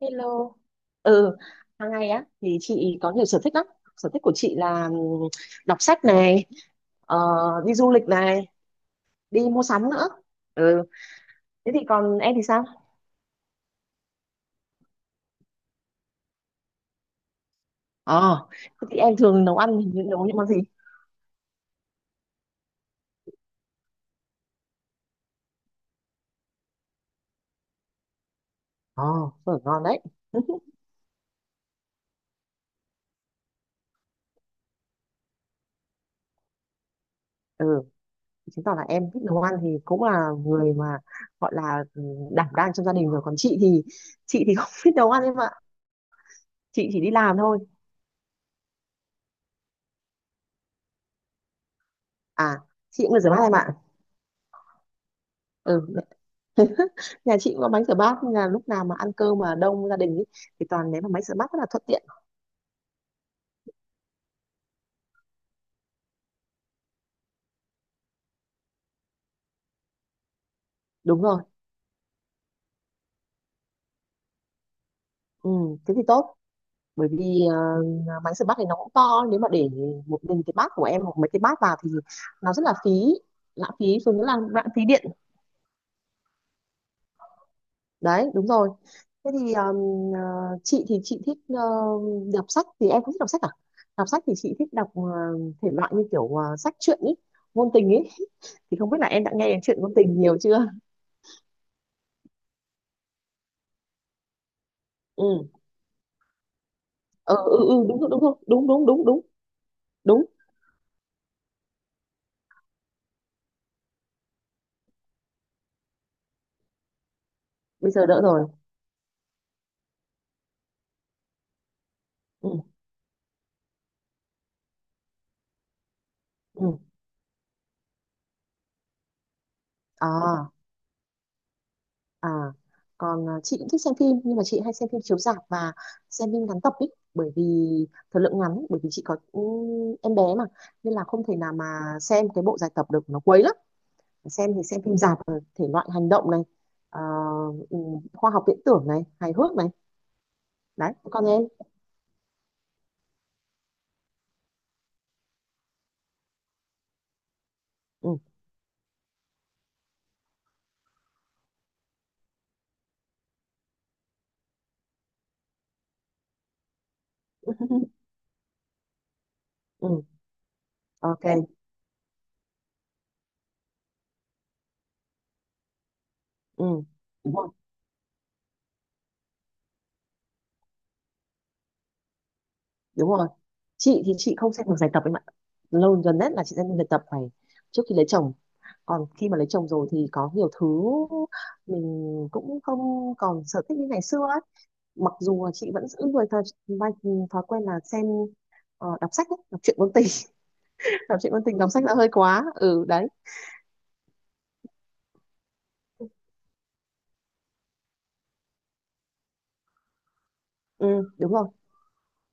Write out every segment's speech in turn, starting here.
Hello. Ừ, hàng ngày á thì chị có nhiều sở thích lắm. Sở thích của chị là đọc sách này, ờ, đi du lịch này, đi mua sắm nữa. Ừ, thế thì còn em thì sao? Ờ, thế thì em thường nấu ăn thì nấu những món gì? Ờ, phở ngon đấy. Ừ, chứng tỏ là em thích nấu ăn thì cũng là người mà gọi là đảm đang trong gia đình rồi. Còn chị thì không biết nấu ăn em ạ. Chị chỉ đi làm thôi. À, chị cũng là rửa bát em ạ. Ừ, nhà chị cũng có bánh rửa bát, nên là lúc nào mà ăn cơm mà đông gia đình ý, thì toàn ném vào máy rửa bát rất là thuận tiện. Đúng rồi, ừ, thế thì tốt, bởi vì ờ, máy rửa bát thì nó cũng to, nếu mà để một mình cái bát của em hoặc mấy cái bát vào thì nó rất là phí, lãng phí, rồi nữa là lãng phí điện. Đấy đúng rồi. Thế thì ờ, ờ, chị thì chị thích ờ, đọc sách. Thì em cũng thích đọc sách à? Đọc sách thì chị thích đọc ờ, thể loại như kiểu ờ, sách truyện ý, ngôn tình ý. Thì không biết là em đã nghe đến chuyện ngôn tình nhiều chưa. Ừ ừ ừ ừ đúng rồi, đúng rồi, đúng đúng đúng đúng đúng. Bây giờ đỡ rồi. Ừ ừ. À à còn à, chị cũng thích xem phim, nhưng mà chị hay xem phim chiếu rạp và xem phim ngắn tập ý, bởi vì thời lượng ngắn, bởi vì chị có ừ, em bé mà, nên là không thể nào mà xem cái bộ dài tập được, nó quấy lắm. Xem thì xem phim rạp rồi, thể loại hành động này, à, ừ, khoa học viễn tưởng này, hài hước này. Đấy còn em. Ừ. Ừ, ok. Ừ. Đúng rồi. Đúng rồi, chị thì chị không xem được giải tập em ạ. Lâu gần nhất là chị xem giải tập phải trước khi lấy chồng. Còn khi mà lấy chồng rồi thì có nhiều thứ mình cũng không còn sở thích như ngày xưa ấy. Mặc dù là chị vẫn giữ người thói, thói, thói quen là xem ờ, đọc sách ấy, đọc truyện ngôn tình. Đọc truyện ngôn tình, đọc sách đã hơi quá, ừ đấy. Ừ đúng rồi,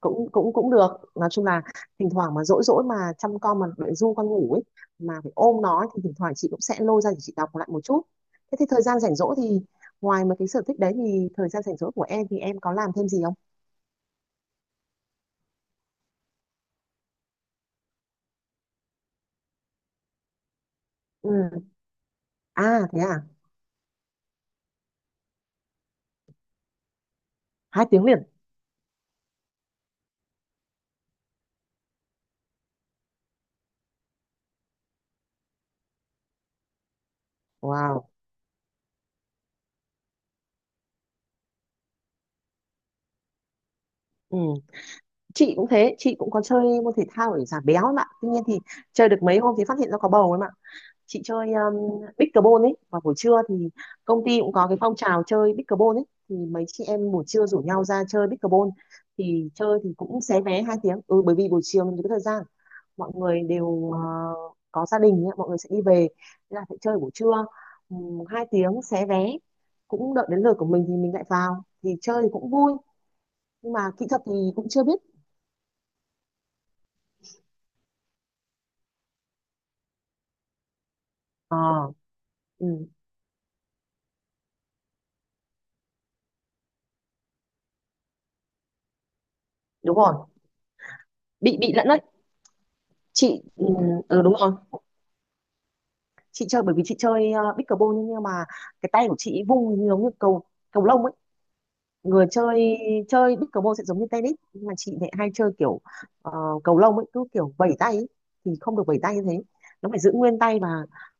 cũng cũng cũng được. Nói chung là thỉnh thoảng mà dỗi dỗi mà chăm con mà để ru con ngủ ấy, mà phải ôm nó ấy, thì thỉnh thoảng chị cũng sẽ lôi ra để chị đọc lại một chút. Thế thì thời gian rảnh rỗi thì ngoài mấy cái sở thích đấy, thì thời gian rảnh rỗi của em thì em có làm thêm gì không? Ừ. À thế à. 2 tiếng liền. Wow. Ừ chị cũng thế, chị cũng có chơi môn thể thao để giảm béo ấy mà, tuy nhiên thì chơi được mấy hôm thì phát hiện ra có bầu ấy mà. Chị chơi pickleball ấy vào buổi trưa, thì công ty cũng có cái phong trào chơi pickleball ấy, thì mấy chị em buổi trưa rủ nhau ra chơi pickleball, thì chơi thì cũng xé vé 2 tiếng, ừ, bởi vì buổi chiều mình có thời gian, mọi người đều ờ, có gia đình ấy, mọi người sẽ đi về, nên là phải chơi buổi trưa, 2 tiếng xé vé, cũng đợi đến lượt của mình thì mình lại vào, thì chơi thì cũng vui, nhưng mà kỹ thuật thì cũng chưa biết. Ờ. Ừ, đúng rồi, bị lẫn đấy. Chị ừ, ừ, đúng rồi, chị chơi bởi vì chị chơi pickleball, nhưng mà cái tay của chị vung giống như cầu cầu lông ấy. Người chơi chơi pickleball sẽ giống như tennis, nhưng mà chị lại hay chơi kiểu ờ, cầu lông ấy, cứ kiểu vẩy tay ấy. Thì không được vẩy tay như thế, nó phải giữ nguyên tay, và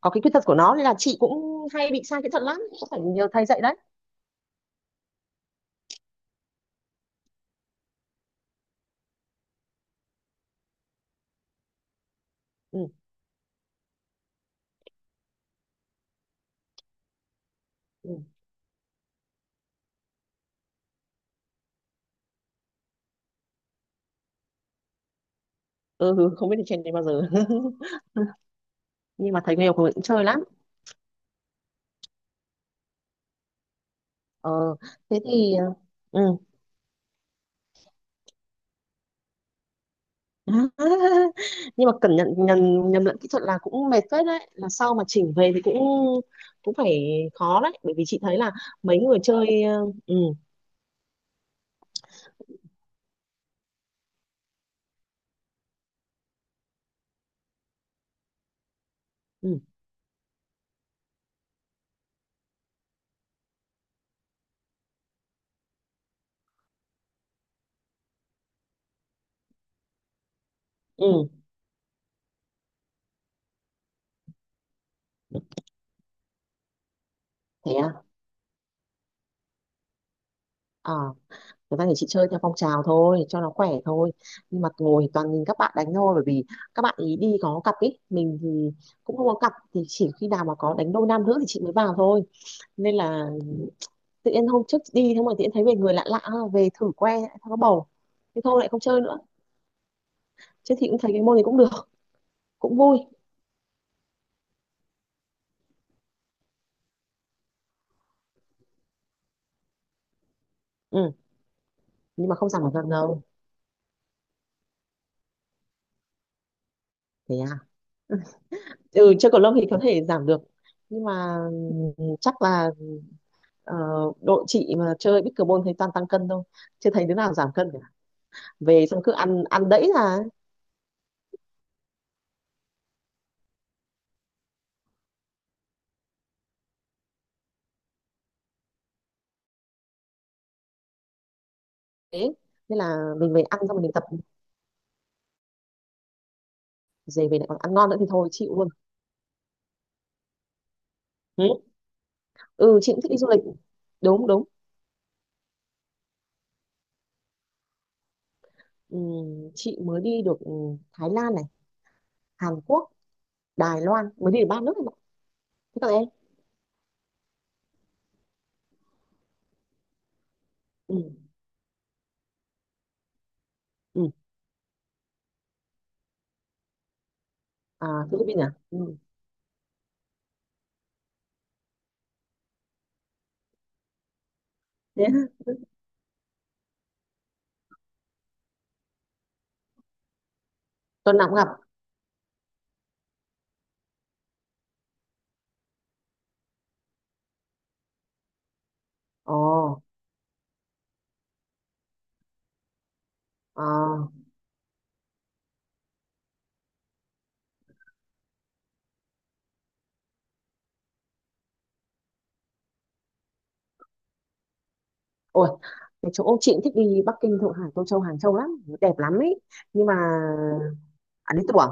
có cái khuyết tật của nó, nên là chị cũng hay bị sai kỹ thuật lắm, cũng phải nhờ thầy dạy đấy. Ừ, ừ. Ừ không biết đi trên đấy bao giờ. Nhưng mà thầy nghèo của mình cũng chơi lắm. Ờ thế thì ờ, ừ. Nhưng mà cẩn nhận nhầm, nhầm lẫn kỹ thuật là cũng mệt phết đấy, là sau mà chỉnh về thì cũng cũng phải khó đấy, bởi vì chị thấy là mấy người chơi ờ, ừ. Ừ ừ thế à. Ờ, người ta thì chị chơi theo phong trào thôi cho nó khỏe thôi, nhưng mà ngồi toàn nhìn các bạn đánh thôi, bởi vì các bạn ý đi có cặp ý, mình thì cũng không có cặp, thì chỉ khi nào mà có đánh đôi nam nữ thì chị mới vào thôi, nên là tự nhiên hôm trước đi thế mà tự nhiên thấy về người lạ lạ, à, về thử que lại thấy có bầu, thế thôi lại không chơi nữa. Chứ thì cũng thấy cái môn này cũng được, cũng vui. Ừ, nhưng mà không giảm được cân đâu. Thế à? Ừ, chơi cầu lông thì có thể giảm được. Nhưng mà ừ, chắc là ờ, đội chị mà chơi pickleball thấy toàn tăng cân thôi. Chưa thấy đứa nào giảm cân cả. Về xong cứ ăn ăn đẫy là thế. Nên là mình về ăn xong rồi mình tập, về về lại còn ăn ngon nữa thì thôi chịu luôn. Ừ, ừ chị cũng thích đi du lịch. Đúng đúng. Ừ, chị mới đi được ừ, Thái Lan này, Hàn Quốc, Đài Loan, mới đi được 3 nước này. Thế còn em? Ừ, ừ. À, Philippines à? Ừ. Thế à? Tuần nào cũng gặp. Ồ. Ờ. Ôi cái chỗ chị cũng thích đi Bắc Kinh Thượng Hải Tô Châu Hàng Châu lắm, đẹp lắm ấy, nhưng mà à lý tưởng.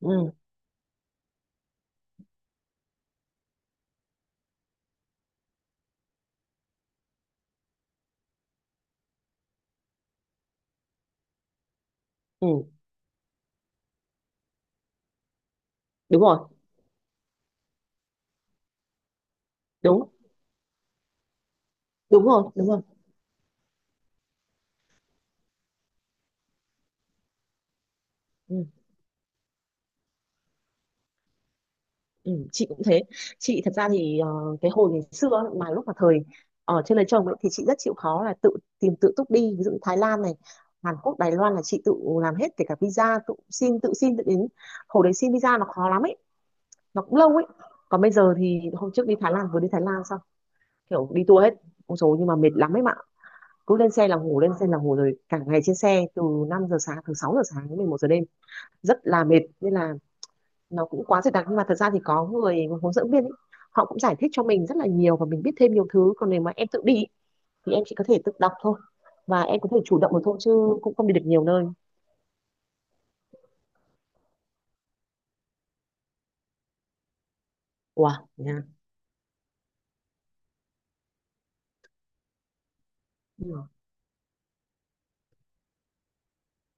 Ừ ừ đúng rồi, đúng đúng rồi đúng rồi. Ừ, ừ. Chị cũng thế, chị thật ra thì ờ, cái hồi ngày xưa ấy, mà lúc mà thời ở trên lấy chồng ấy, thì chị rất chịu khó là tự tìm tự túc đi, ví dụ Thái Lan này, Hàn Quốc, Đài Loan là chị tự làm hết, kể cả visa tự xin, tự xin tự đến. Hồi đấy xin visa nó khó lắm ấy, nó cũng lâu ấy. Còn bây giờ thì hôm trước đi Thái Lan, vừa đi Thái Lan xong, kiểu đi tour hết. Ôi dồi nhưng mà mệt lắm ấy mà, cứ lên xe là ngủ, lên xe là ngủ, rồi cả ngày trên xe từ 5 giờ sáng, từ 6 giờ sáng đến 11 giờ đêm, rất là mệt, nên là nó cũng quá dày đặc. Nhưng mà thật ra thì có người hướng dẫn viên ấy, họ cũng giải thích cho mình rất là nhiều và mình biết thêm nhiều thứ. Còn nếu mà em tự đi ý, thì em chỉ có thể tự đọc thôi, và em có thể chủ động được thôi, chứ cũng không đi được nhiều nơi. Wow nha. Ừ.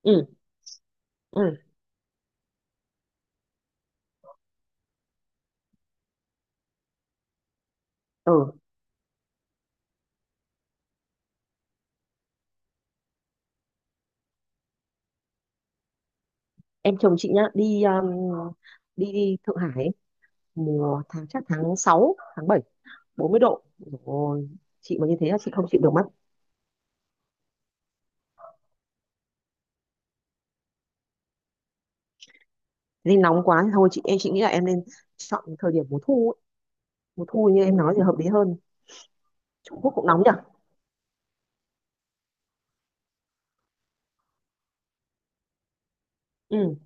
Ừ ừ ừ em chồng chị nhá đi đi, Thượng Hải ấy, mùa tháng chắc tháng 6, tháng 7. 40 độ rồi, chị mà như thế là chị không chịu được mất. Nên nóng quá thì thôi, chị em chị nghĩ là em nên chọn thời điểm mùa thu ấy. Mùa thu như em nói thì hợp lý hơn. Trung Quốc cũng nóng nhỉ. Ừ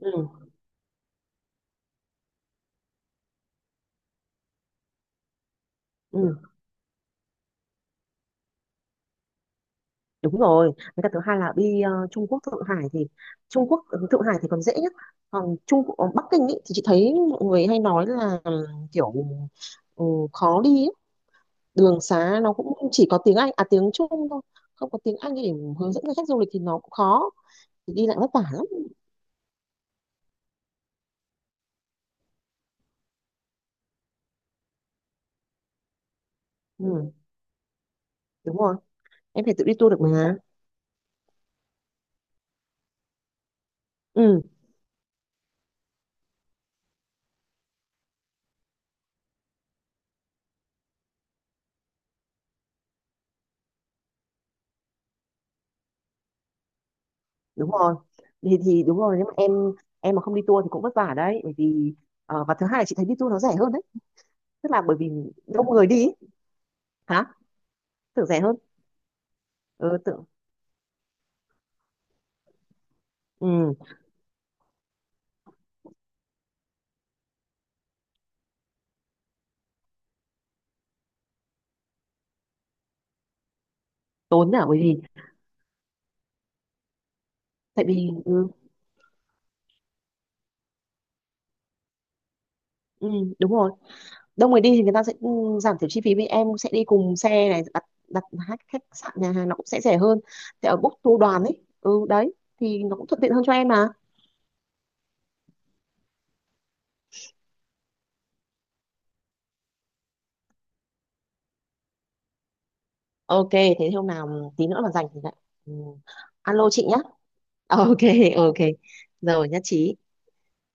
ừ ừ đúng rồi, với cả thứ hai là đi ờ, Trung Quốc, Thượng Hải thì Trung Quốc ừ, Thượng Hải thì còn dễ nhất, còn Trung Quốc- còn Bắc Kinh ý, thì chị thấy mọi người hay nói là ừ, kiểu ừ, khó đi ấy. Đường xá nó cũng chỉ có tiếng Anh, à tiếng Trung thôi, không có tiếng Anh để hướng dẫn cho khách du lịch thì nó cũng khó, thì đi lại vất vả lắm. Ừ đúng rồi, em phải tự đi tour được mà. Ừ đúng rồi, thì đúng rồi, nếu mà em mà không đi tour thì cũng vất vả đấy, bởi vì ờ, và thứ hai là chị thấy đi tour nó rẻ hơn đấy, tức là bởi vì đông người đi ý. Hả? Tưởng rẻ hơn. Ừ, tưởng. Ừ, tốn à, bởi vì tại vì ừ, ừ, đúng rồi, đông người đi thì người ta sẽ ừ, giảm thiểu chi phí, vì em sẽ đi cùng xe này, đặt đặt khách khách sạn nhà hàng nó cũng sẽ rẻ hơn, thì ở book tour đoàn ấy ừ đấy, thì nó cũng thuận tiện hơn cho em mà. Ok thế hôm nào tí nữa mà rảnh thì lại ừ, alo chị nhá. Ok. Ok. Rồi nhất trí.